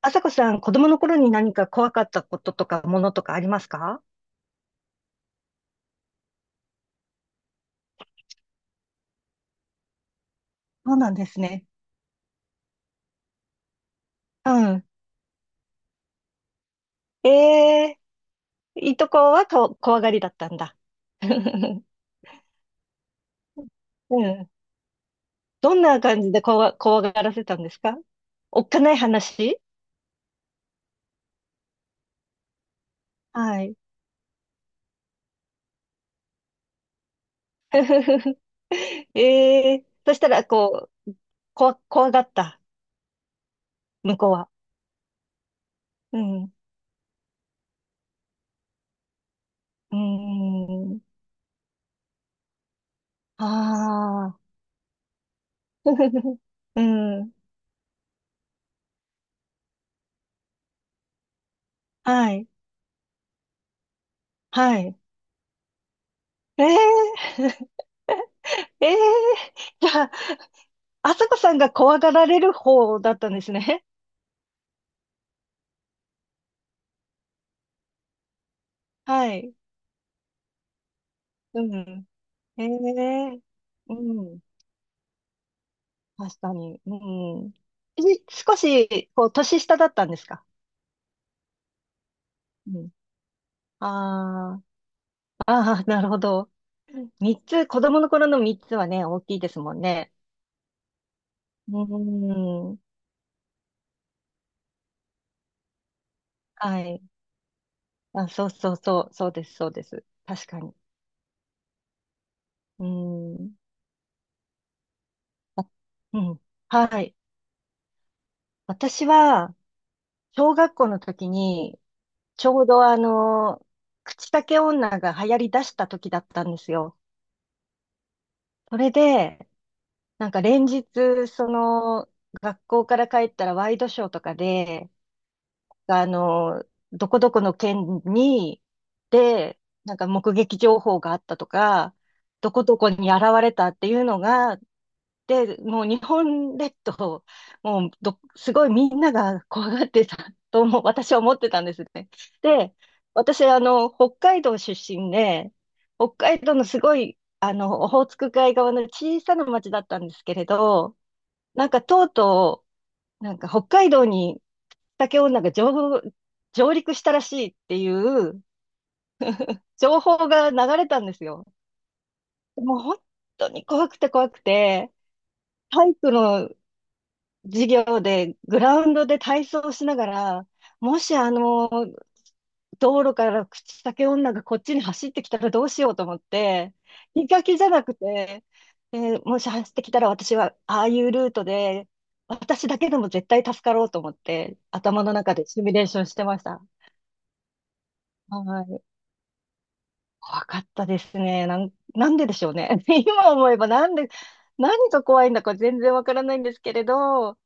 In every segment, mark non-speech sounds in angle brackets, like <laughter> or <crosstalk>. あさこさん、子供の頃に何か怖かったこととか、ものとかありますか？そうなんですね。うん。えいとこはこ怖がりだったんだ。<laughs> うん。どんな感じで怖がらせたんですか？おっかない話。はい。<laughs> そしたら、こう、怖がった、向こうは。うん。うーん。ああ。<laughs> うん。はい。はい。えー <laughs> ええ <laughs> じゃあ、あさこさんが怖がられる方だったんですね。<laughs> はい。うん。ええ、うん。確かに。うん。え少し、こう、年下だったんですか？うん。ああ、ああ、なるほど。三つ、子供の頃の三つはね、大きいですもんね。うん。はい。あ、そうそうそう、そうです、そうです。確かに。うん。あ、うん。はい。私は、小学校の時に、ちょうどあの、口裂け女が流行り出した時だったんですよ。それで、なんか連日、その、学校から帰ったらワイドショーとかで、あの、どこどこの県に、で、なんか目撃情報があったとか、どこどこに現れたっていうのが、で、もう日本列島、もうど、すごいみんなが怖がってたとも私は思ってたんですね。で、私、あの、北海道出身で、北海道のすごい、あの、オホーツク海側の小さな町だったんですけれど、なんかとうとう、なんか北海道に竹女が上陸したらしいっていう情報が流れたんですよ。もう本当に怖くて怖くて、体育の授業でグラウンドで体操をしながら、もしあの、道路から口裂け女がこっちに走ってきたらどうしようと思って、見かけじゃなくて、もし走ってきたら私はああいうルートで、私だけでも絶対助かろうと思って、頭の中でシミュレーションしてました。はい。怖かったですね。なんででしょうね。<laughs> 今思えばなんで、何が怖いんだか全然わからないんですけれど、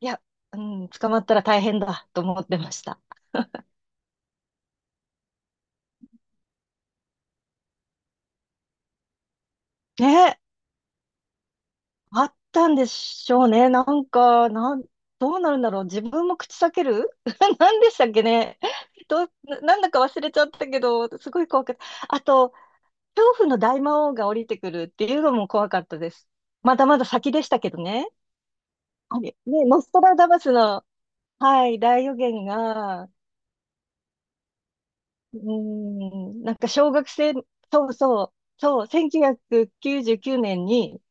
いや、うん、捕まったら大変だと思ってました。ね、あったんでしょうね。なんか、どうなるんだろう。自分も口裂ける <laughs> 何でしたっけね。どう、ななんだか忘れちゃったけど、すごい怖かった。あと、恐怖の大魔王が降りてくるっていうのも怖かったです。まだまだ先でしたけどね。あれ、ね、ノストラダバスの、はい、大予言が、うーん、なんか小学生、そうそう、そう、1999年に、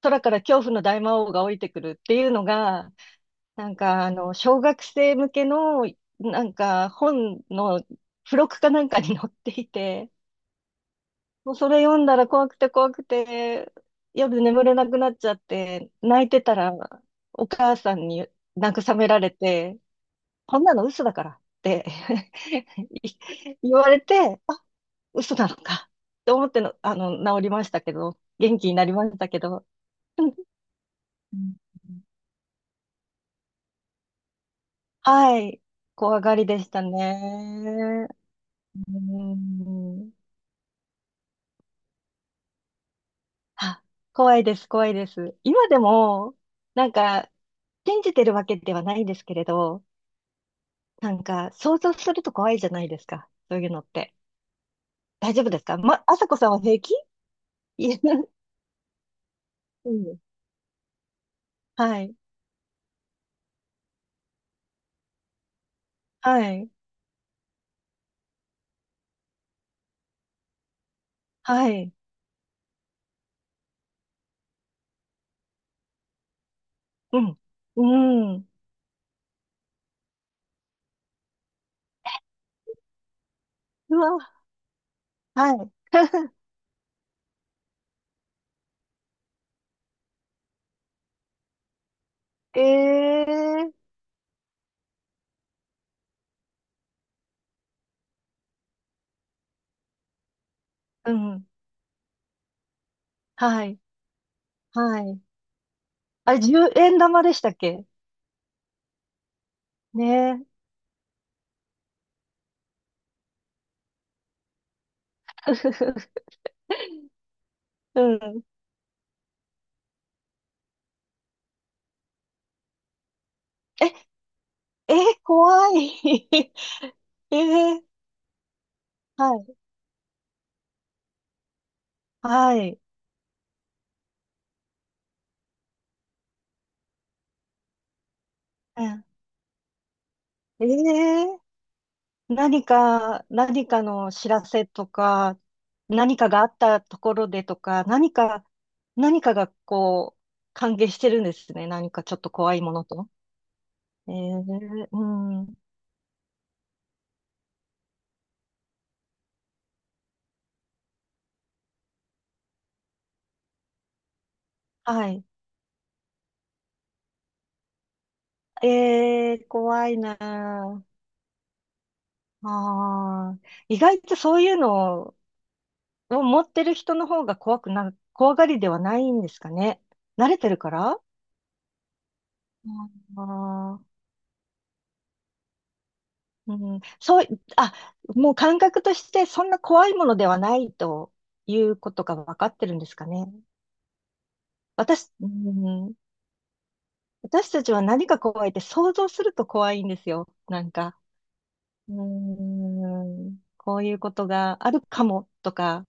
空から恐怖の大魔王が降りてくるっていうのが、なんかあの、小学生向けの、なんか本の付録かなんかに載っていて、もうそれ読んだら怖くて怖くて、夜眠れなくなっちゃって、泣いてたらお母さんに慰められて、こんなの嘘だからって <laughs> い言われて、あ、嘘なのか、と思っての、あの、治りましたけど、元気になりましたけど。うん、はい。怖がりでしたね。うん。あ、怖いです、怖いです。今でも、なんか、信じてるわけではないんですけれど、なんか、想像すると怖いじゃないですか、そういうのって。大丈夫ですか？ま、あさこさんは平気？いや、うん。はい。はい。はい。うん。うん。うわ。はい。ええー、うん。はい。はい。あれ、10円玉でしたっけ？ねえ。<laughs> うん。え、え、怖い。<laughs> えー、はい、はい。うん、えー、何か、何かの知らせとか、何かがあったところでとか、何か、何かがこう、関係してるんですね、何かちょっと怖いものと。えー、うん、はい。えー、怖いなあ。ああ、意外とそういうのを持ってる人の方が怖くな、怖がりではないんですかね。慣れてるから。あー、うん、そう、あ、もう感覚としてそんな怖いものではないということが分かってるんですかね。私、うん、私たちは何が怖いって想像すると怖いんですよ。なんか、うん、こういうことがあるかもとか、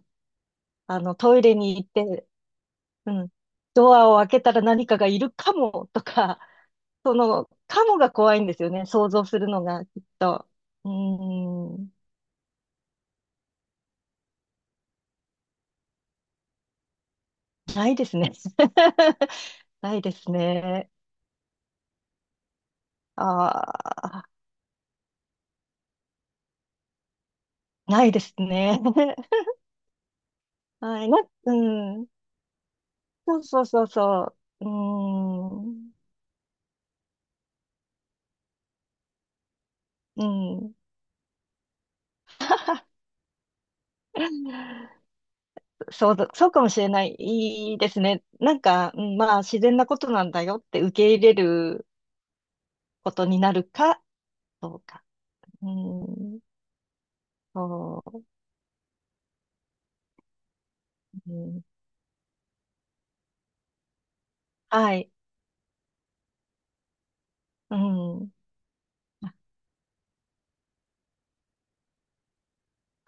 あの、トイレに行って、うん、ドアを開けたら何かがいるかもとか、その、カモが怖いんですよね、想像するのが、きっと。うーん。ないですね。<laughs> ないですね。ああ、ないですね。<laughs> はい。な、うん。そうそうそうそう。うーん。うん。そうだ、そうかもしれない。いいですね。なんか、うん、まあ、自然なことなんだよって受け入れることになるかどうか。うん。そう。うん、はい。うん。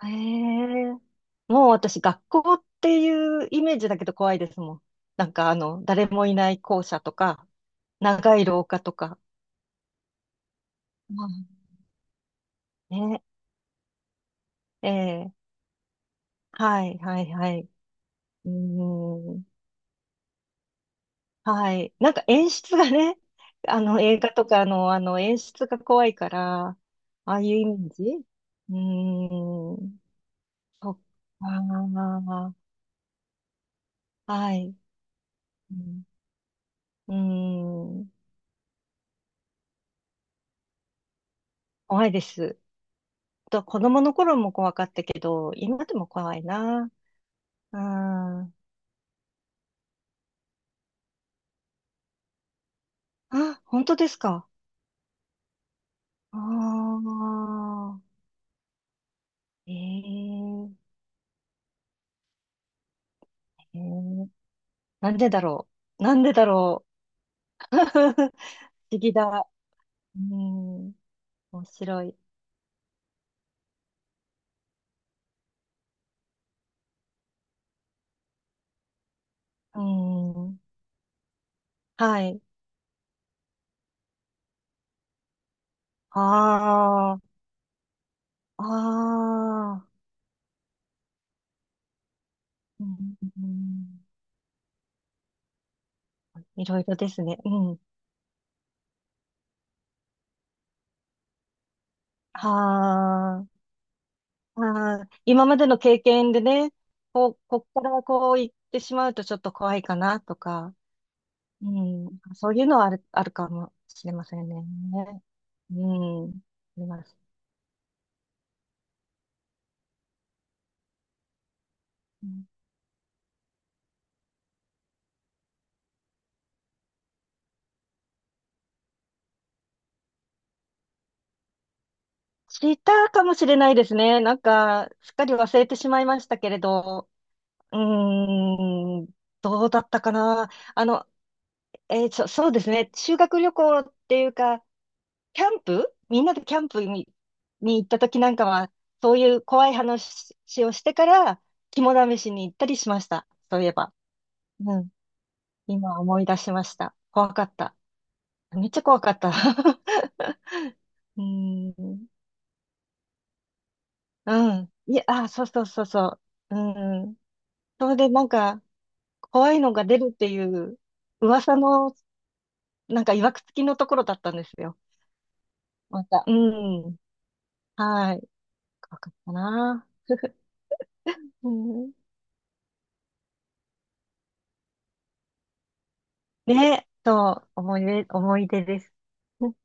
へえ。もう私、学校っていうイメージだけど怖いですもん。なんかあの、誰もいない校舎とか、長い廊下とか。うん、ね。ええ、はい、はい、はい。うーん。はい。なんか演出がね、あの、映画とかの、あの、演出が怖いから、ああいうイメージ。うーん。そっか。はい。うん。うーん。怖いです。と子供の頃も怖かったけど、今でも怖いな。うん。あ、本当ですか？ああ、えー、えー、なんでだろう。なんでだろう。<laughs> 不思議だ。うん、面白い。うん、はい。ああ、ああ、うん、うん、いろいろですね。うん。はあ。ああ、今までの経験でね、こう、こっからこう行ってしまうとちょっと怖いかなとか、うん、そういうのはある、あるかもしれませんね。うん、あります。うん、したかもしれないですね。なんか、すっかり忘れてしまいましたけれど、うーん、どうだったかな。あの、えー、そうですね。修学旅行っていうか、キャンプ、みんなでキャンプに、に行った時なんかは、そういう怖い話をしてから、肝試しに行ったりしました、そういえば。うん。今思い出しました。怖かった。めっちゃ怖かった。<laughs> うーん。うん。いや、あ、そうそうそうそう。うん。それでなんか、怖いのが出るっていう、噂の、なんか、いわくつきのところだったんですよ。また。うん。はい。怖かったな。うん。ね、そう、思い出、思い出です。<laughs>